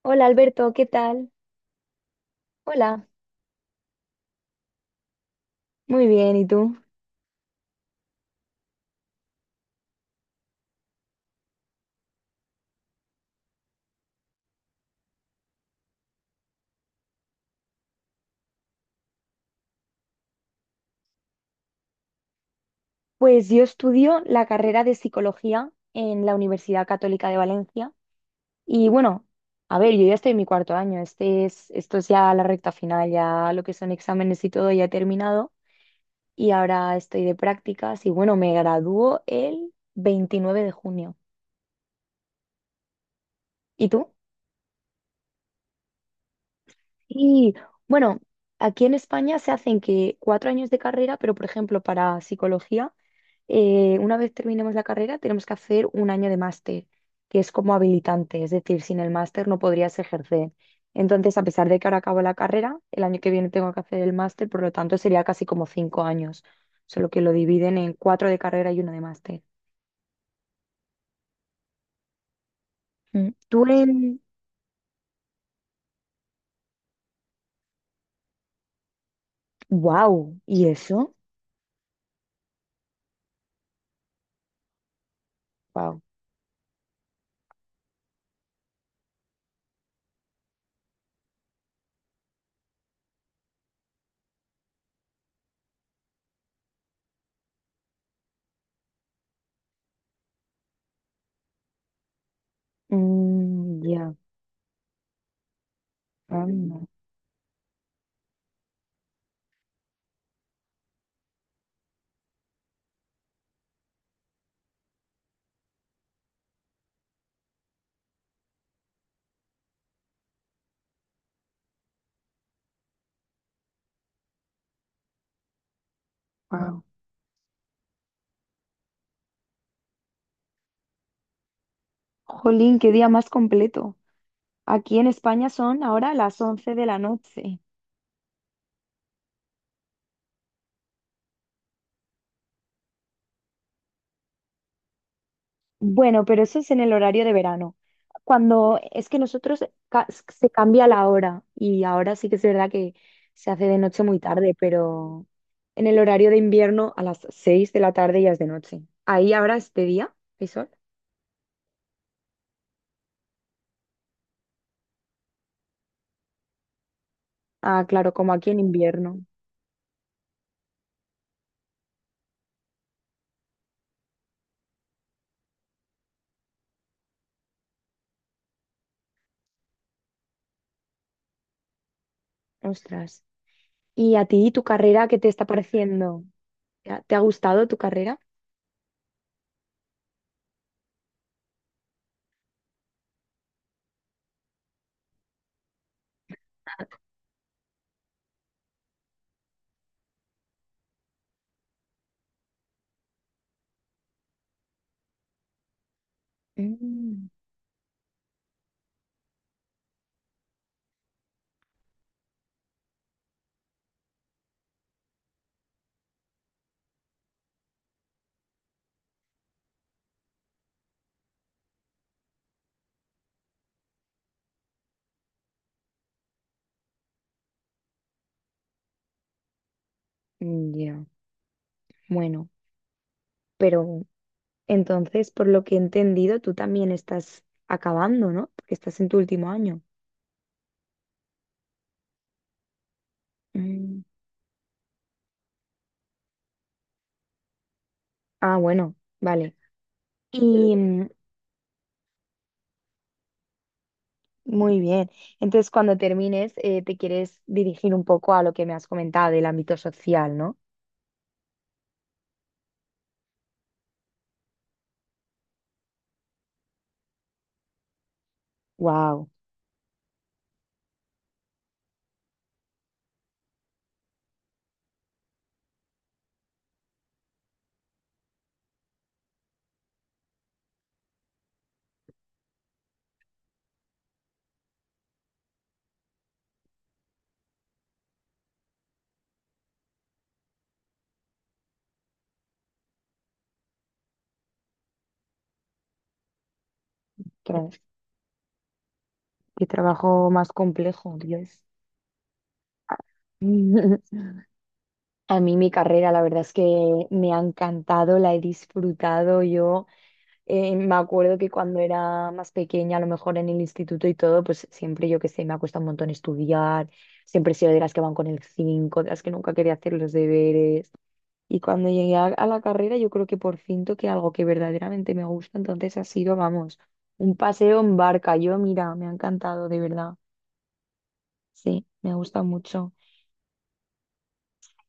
Hola Alberto, ¿qué tal? Hola, muy bien, ¿y tú? Pues yo estudio la carrera de psicología en la Universidad Católica de Valencia y bueno, a ver, yo ya estoy en mi cuarto año, esto es ya la recta final, ya lo que son exámenes y todo ya he terminado y ahora estoy de prácticas y bueno, me gradúo el 29 de junio. ¿Y tú? Y bueno, aquí en España se hacen que 4 años de carrera, pero por ejemplo para psicología, una vez terminemos la carrera tenemos que hacer un año de máster, que es como habilitante, es decir, sin el máster no podrías ejercer. Entonces, a pesar de que ahora acabo la carrera, el año que viene tengo que hacer el máster, por lo tanto sería casi como 5 años, solo que lo dividen en cuatro de carrera y uno de máster. Mm. Tú en... ¡Wow! ¿Y eso? ¡Wow! Mm, ya. Anda. Guau. Jolín, qué día más completo. Aquí en España son ahora las 11 de la noche. Bueno, pero eso es en el horario de verano. Cuando es que nosotros se cambia la hora y ahora sí que es verdad que se hace de noche muy tarde, pero en el horario de invierno a las 6 de la tarde ya es de noche. Ahí ahora es de día, ¿hay sol? Ah, claro, como aquí en invierno. Ostras. ¿Y a ti tu carrera qué te está pareciendo? ¿Te ha gustado tu carrera? Mm, ya, bueno. Pero entonces, por lo que he entendido, tú también estás acabando, ¿no? Porque estás en tu último año. Mm. Ah, bueno, vale. Y muy bien. Entonces, cuando termines, te quieres dirigir un poco a lo que me has comentado del ámbito social, ¿no? Wow, qué trabajo más complejo, Dios. A mí mi carrera, la verdad es que me ha encantado, la he disfrutado yo. Me acuerdo que cuando era más pequeña, a lo mejor en el instituto y todo, pues siempre yo que sé, me ha costado un montón estudiar, siempre he sido de las que van con el 5 de las que nunca quería hacer los deberes. Y cuando llegué a la carrera, yo creo que por fin toqué algo que verdaderamente me gusta, entonces ha sido, vamos, un paseo en barca. Yo, mira, me ha encantado, de verdad. Sí, me gusta mucho.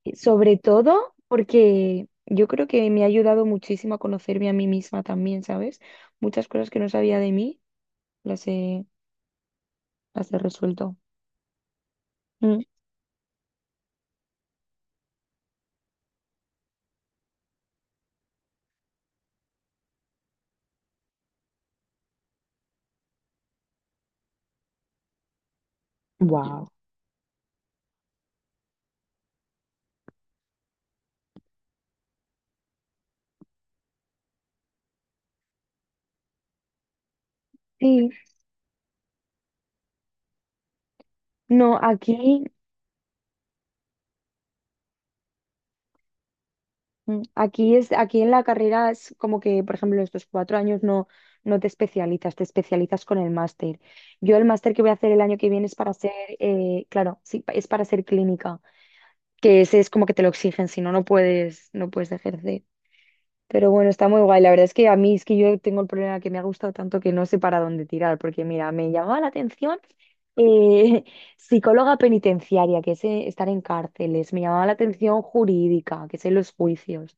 Y sobre todo porque yo creo que me ha ayudado muchísimo a conocerme a mí misma también, ¿sabes? Muchas cosas que no sabía de mí. Las he, Ya se resuelto. Mm. Wow. Sí, no, aquí en la carrera es como que, por ejemplo, estos 4 años no, no te especializas, te especializas con el máster. Yo el máster que voy a hacer el año que viene es para ser, claro, sí, es para ser clínica, que ese es como que te lo exigen, si no, no puedes ejercer. Pero bueno, está muy guay. La verdad es que a mí es que yo tengo el problema que me ha gustado tanto que no sé para dónde tirar, porque mira, me llamaba la atención. Eh, Psicóloga penitenciaria, que es estar en cárceles. Me llamaba la atención jurídica, que es en los juicios.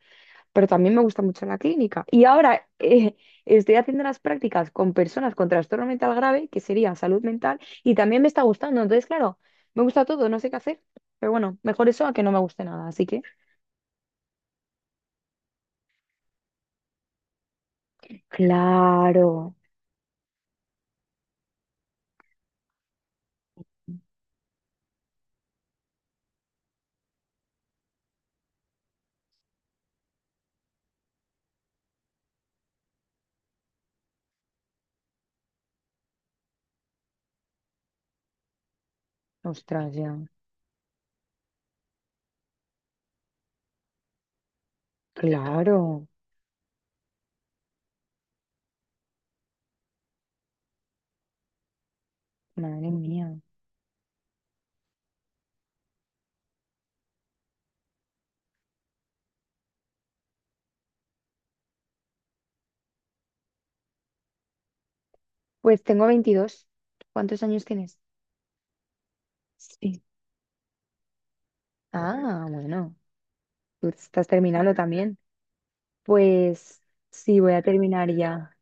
Pero también me gusta mucho la clínica. Y ahora estoy haciendo las prácticas con personas con trastorno mental grave, que sería salud mental, y también me está gustando. Entonces, claro, me gusta todo, no sé qué hacer. Pero bueno, mejor eso a que no me guste nada. Así que, claro. Ostras, ya. Claro. Madre mía. Pues tengo 22. ¿Cuántos años tienes? Sí. Ah, bueno. Tú estás terminando también. Pues sí, voy a terminar ya.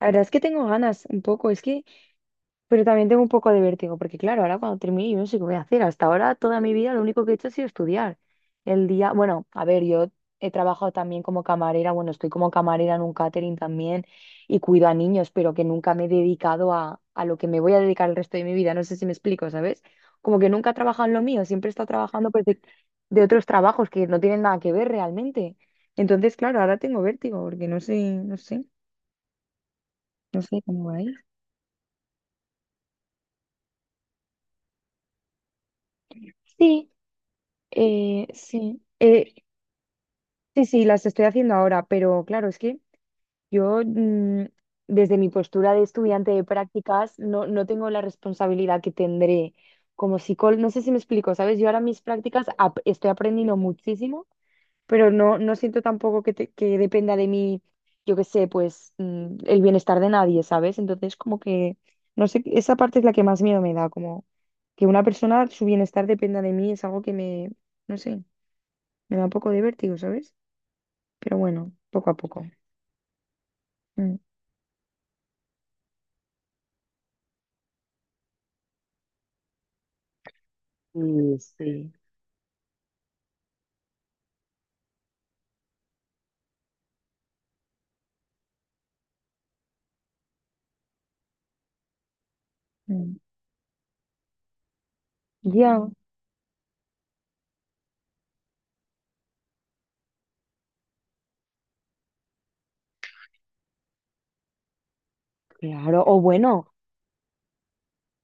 La verdad es que tengo ganas un poco. Es que, pero también tengo un poco de vértigo, porque claro, ahora cuando termine yo no sé qué voy a hacer. Hasta ahora toda mi vida lo único que he hecho ha sido estudiar. El día, bueno, a ver, yo he trabajado también como camarera, bueno, estoy como camarera en un catering también y cuido a niños, pero que nunca me he dedicado a lo que me voy a dedicar el resto de mi vida. No sé si me explico, ¿sabes? Como que nunca he trabajado en lo mío, siempre he estado trabajando pues, de otros trabajos que no tienen nada que ver realmente. Entonces, claro, ahora tengo vértigo, porque no sé, no sé cómo va a ir. Sí, sí. Sí, sí, las estoy haciendo ahora, pero claro, es que yo desde mi postura de estudiante de prácticas no tengo la responsabilidad que tendré como psicólogo. No sé si me explico, ¿sabes? Yo ahora mis prácticas estoy aprendiendo muchísimo, pero no siento tampoco que dependa de mí, yo qué sé, pues el bienestar de nadie, ¿sabes? Entonces como que, no sé, esa parte es la que más miedo me da, como que una persona, su bienestar dependa de mí, es algo que me, no sé, me da un poco de vértigo, ¿sabes? Pero bueno, poco a poco. Mm, mm. Ya, claro, o bueno,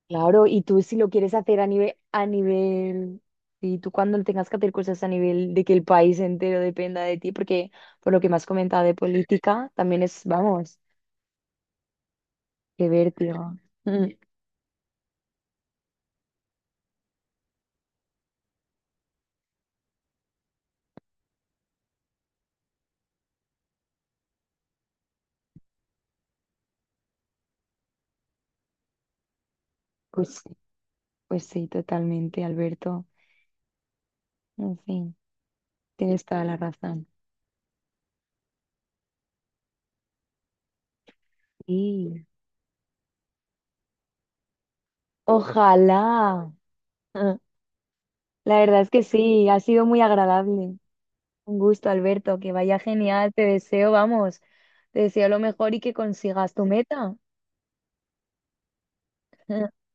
claro, y tú si lo quieres hacer a nivel, y tú cuando tengas que hacer cosas a nivel de que el país entero dependa de ti, porque por lo que me has comentado de política, también es, vamos, qué vértigo. Mm, pues sí, pues sí, totalmente, Alberto. En fin, tienes toda la razón. Sí, ojalá. Ah, la verdad es que sí, ha sido muy agradable. Un gusto, Alberto, que vaya genial, te deseo, vamos, te deseo lo mejor y que consigas tu meta.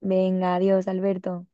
Venga, adiós, Alberto.